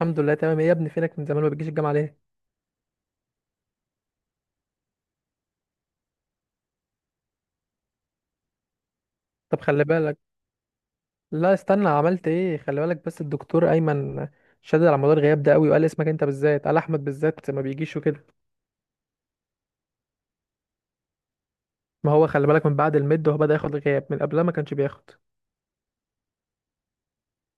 الحمد لله، تمام. إيه يا ابني، فينك من زمان؟ ما بتجيش الجامعه ليه؟ طب خلي بالك. لا استنى، عملت ايه؟ خلي بالك بس، الدكتور ايمن شدد على موضوع الغياب ده قوي، وقال اسمك انت بالذات، قال احمد بالذات ما بيجيش وكده. ما هو خلي بالك، من بعد الميد هو بدا ياخد غياب، من قبلها ما كانش بياخد.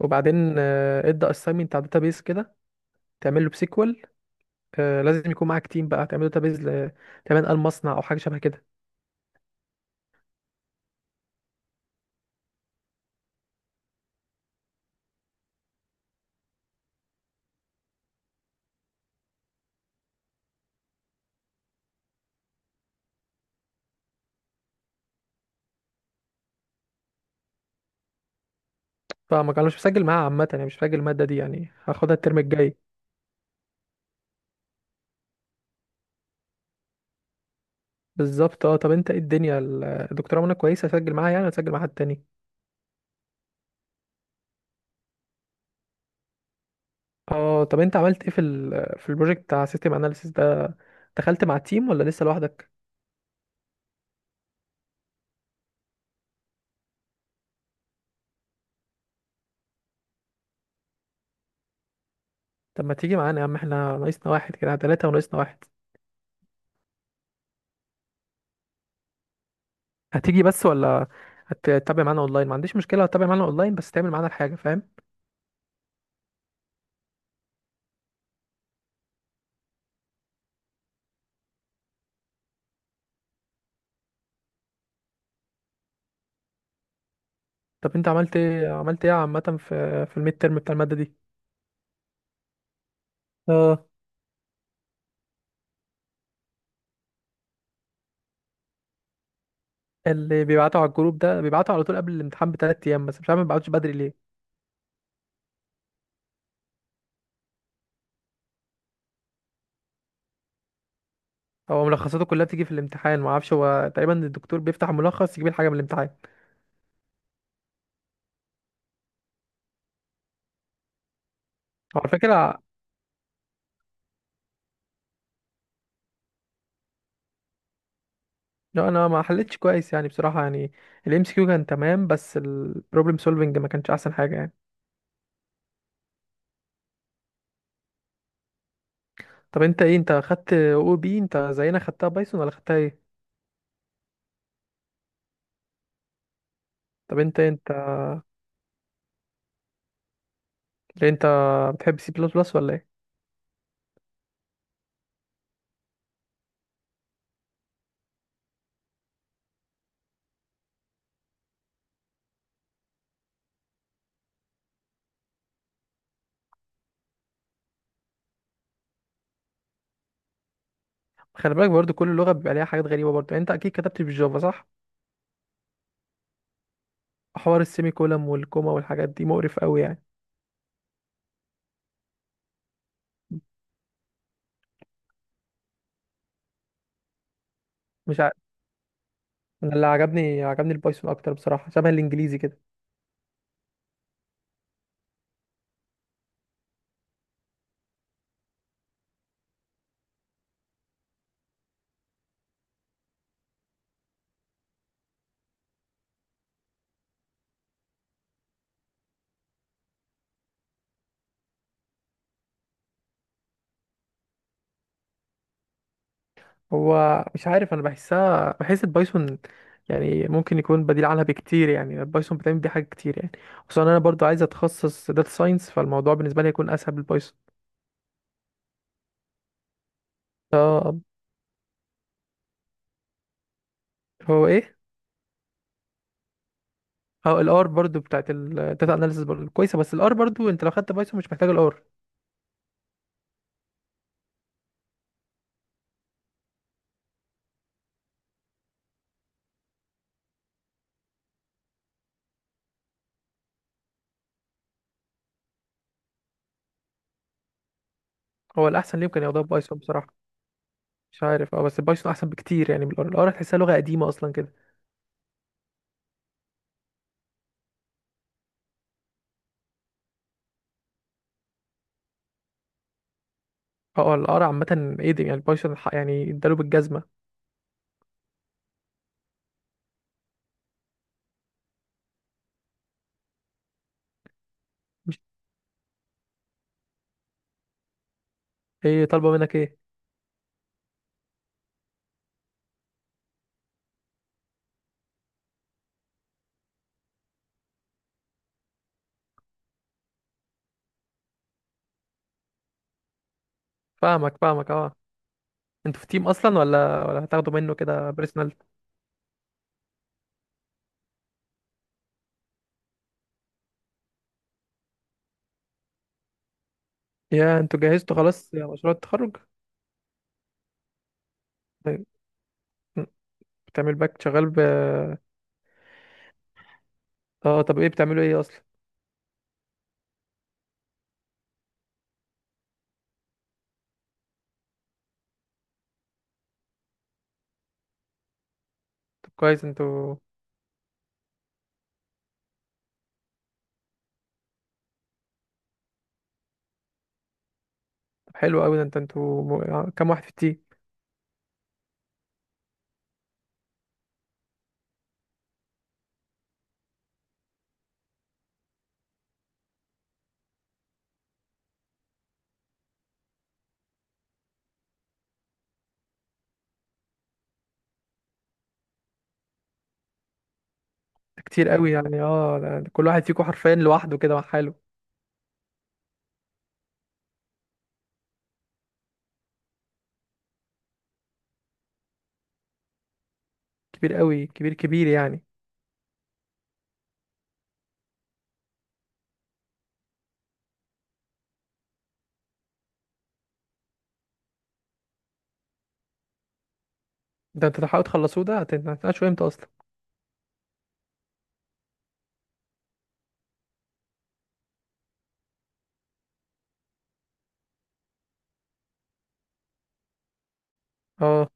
وبعدين ادى اساينمنت على داتابيز كده. تعمل له بسيكوال. لازم يكون معاك تيم بقى تعمل داتابيز تعمل قال مصنع او حاجه شبه كده. فما كان مش مسجل معاه عامه، يعني مش مسجل الماده دي، يعني هاخدها الترم الجاي. بالظبط. اه طب انت ايه الدنيا، الدكتوره منى كويسه، اسجل معاها يعني ولا اسجل مع حد تاني؟ اه طب انت عملت ايه في في البروجكت بتاع سيستم اناليسيس ده؟ دخلت مع التيم ولا لسه لوحدك؟ طب ما تيجي معانا يا عم، احنا ناقصنا واحد كده ثلاثة وناقصنا واحد. هتيجي بس ولا هتتابع معانا اونلاين؟ ما عنديش مشكلة، هتتابع معانا اونلاين بس تعمل معانا الحاجة، فاهم؟ طب انت عملت ايه عامة في الميد ترم بتاع المادة دي؟ اه، اللي بيبعتوا على الجروب ده بيبعتوا على طول قبل الامتحان بثلاث ايام، بس مش عارف ما بيبعتوش بدري ليه. هو ملخصاته كلها بتيجي في الامتحان، ما اعرفش، هو تقريبا الدكتور بيفتح ملخص يجيب الحاجة من الامتحان. هو على فكرة، لا انا ما حلتش كويس يعني بصراحه يعني. الام سي كيو كان تمام، بس البروبلم سولفنج ما كانش احسن حاجه يعني. طب انت ايه، انت خدت او بي؟ انت زينا خدتها بايثون ولا خدتها ايه؟ طب انت ليه انت بتحب سي بلس بلس ولا ايه؟ خلي بالك برضو، كل لغه بيبقى ليها حاجات غريبه برضو يعني. انت اكيد كتبت بالجافا، صح؟ حوار السيمي كولم والكوما والحاجات دي مقرف قوي يعني. مش ع... أنا اللي عجبني البايثون اكتر بصراحه، شبه الانجليزي كده. هو مش عارف، انا بحسها، بحس البايثون يعني ممكن يكون بديل عنها بكتير، يعني البايثون بتعمل بيه حاجات كتير يعني. خصوصا انا برضو عايز اتخصص داتا ساينس، فالموضوع بالنسبه لي هيكون اسهل بالبايثون. اه، هو ايه؟ اه الار برضو بتاعت الداتا اناليسيس برضو كويسه، بس الار برضو، انت لو خدت بايثون مش محتاج الار. هو الاحسن ليهم كان ياخدوها بايثون بصراحه. مش عارف، اه بس البايثون احسن بكتير يعني. بالار، الار هتحسها لغه قديمه اصلا كده. اه الار عامه ايه دي؟ يعني البايثون يعني اداله بالجزمه. مش ايه طالبه منك، ايه؟ فاهمك، اه. انتوا في تيم اصلا، ولا هتاخدوا منه كده بيرسونال؟ يا انتوا جهزتوا خلاص يا مشروع التخرج؟ طيب، م، بتعمل باك شغال اه طب، ايه بتعملوا ايه اصلا؟ طب كويس انتوا. طب حلو قوي ده، انتوا كام واحد في التيم؟ ده كتير قوي يعني. اه، ده كل واحد فيكم حرفيا لوحده كده مع حاله. كبير قوي، كبير كبير يعني. ده انتوا تحاولوا تخلصوه ده، هتناقشوا امتى اصلا؟ اه،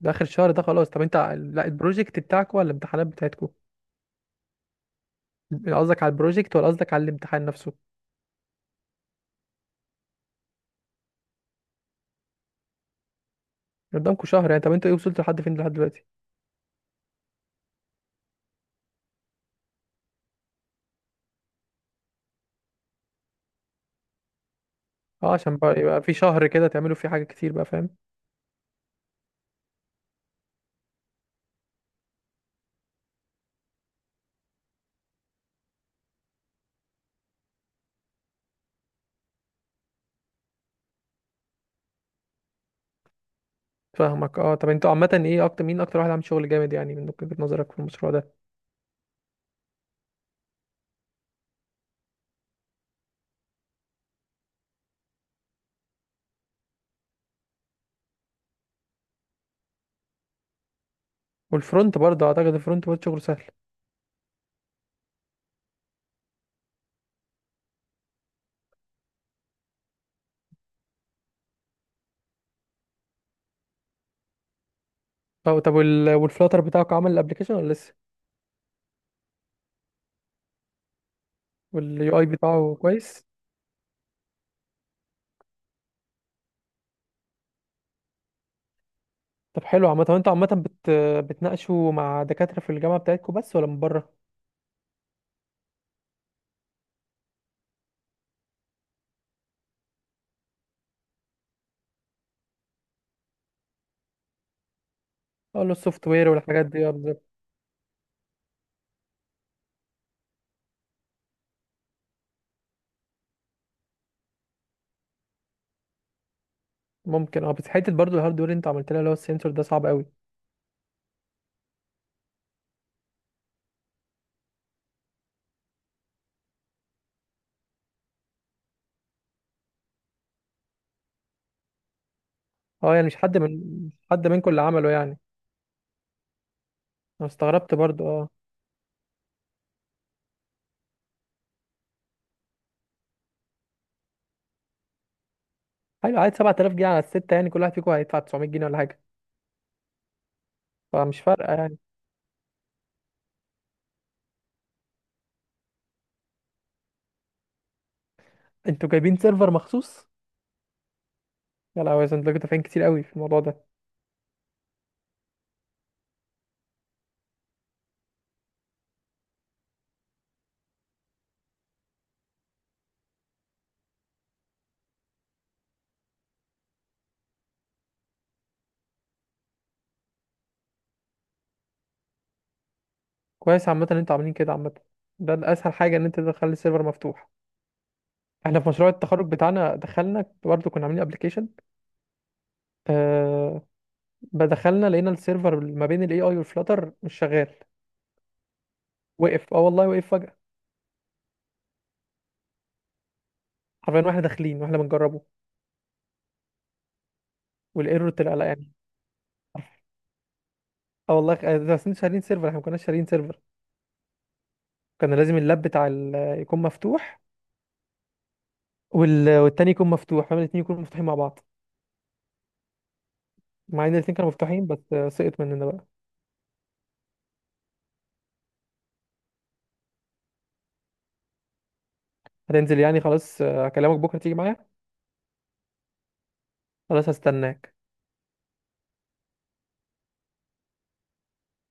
ده اخر الشهر ده خلاص. طب انت، لا، البروجكت بتاعكم ولا الامتحانات بتاعتكم؟ قصدك على البروجكت ولا قصدك على الامتحان نفسه؟ قدامكم شهر يعني. طب انتوا ايه، وصلتوا لحد فين لحد دلوقتي؟ اه، عشان بقى يبقى في شهر كده تعملوا فيه حاجة كتير بقى، فاهم؟ فاهمك، اه. طب انتوا عامة ايه، اكتر واحد عامل شغل جامد يعني من وجهة نظرك في المشروع ده؟ والفرونت برضه، اعتقد الفرونت برضه شغله سهل. اه طب، والفلاتر بتاعك عمل الابليكيشن ولا لسه؟ واليو اي بتاعه كويس. طب حلو. عامة انتوا عامة، بتناقشوا مع دكاترة في الجامعة بتاعتكم بس ولا من بره؟ اقول له السوفت وير والحاجات دي، اه بالظبط. ممكن، اه بس حتة برضه الهارد وير انت عملت لها، اللي هو السنسور ده صعب قوي. اه يعني مش حد منكم اللي عمله يعني. انا استغربت برضه، اه. حلو، عايز 7000 جنيه على الستة؟ يعني كل واحد فيكم هيدفع 900 جنيه ولا حاجة؟ فمش فارقة يعني. انتوا جايبين سيرفر مخصوص؟ يا لهوي، يا انتوا كنتوا دافعين كتير قوي في الموضوع ده. كويس عامة ان انتوا عاملين كده عامة. ده الأسهل حاجة ان انت تخلي السيرفر مفتوح. احنا في مشروع التخرج بتاعنا دخلنا برضه كنا عاملين ابلكيشن. آه دخلنا لقينا السيرفر ما بين الاي اي والفلاتر مش شغال. وقف، اه والله وقف فجأة. حرفيا واحنا داخلين واحنا بنجربه. والايرور طلع، لا يعني. اه والله، ده بس انتوا شارين سيرفر، احنا ما كناش شارين سيرفر. كان لازم اللاب بتاع يكون مفتوح. والتاني يكون مفتوح، فاهم؟ الاتنين يكونوا مفتوحين مع بعض. مع ان الاتنين كانوا مفتوحين، بس سقط مننا بقى. هتنزل يعني خلاص، هكلمك بكره تيجي معايا. خلاص، هستناك.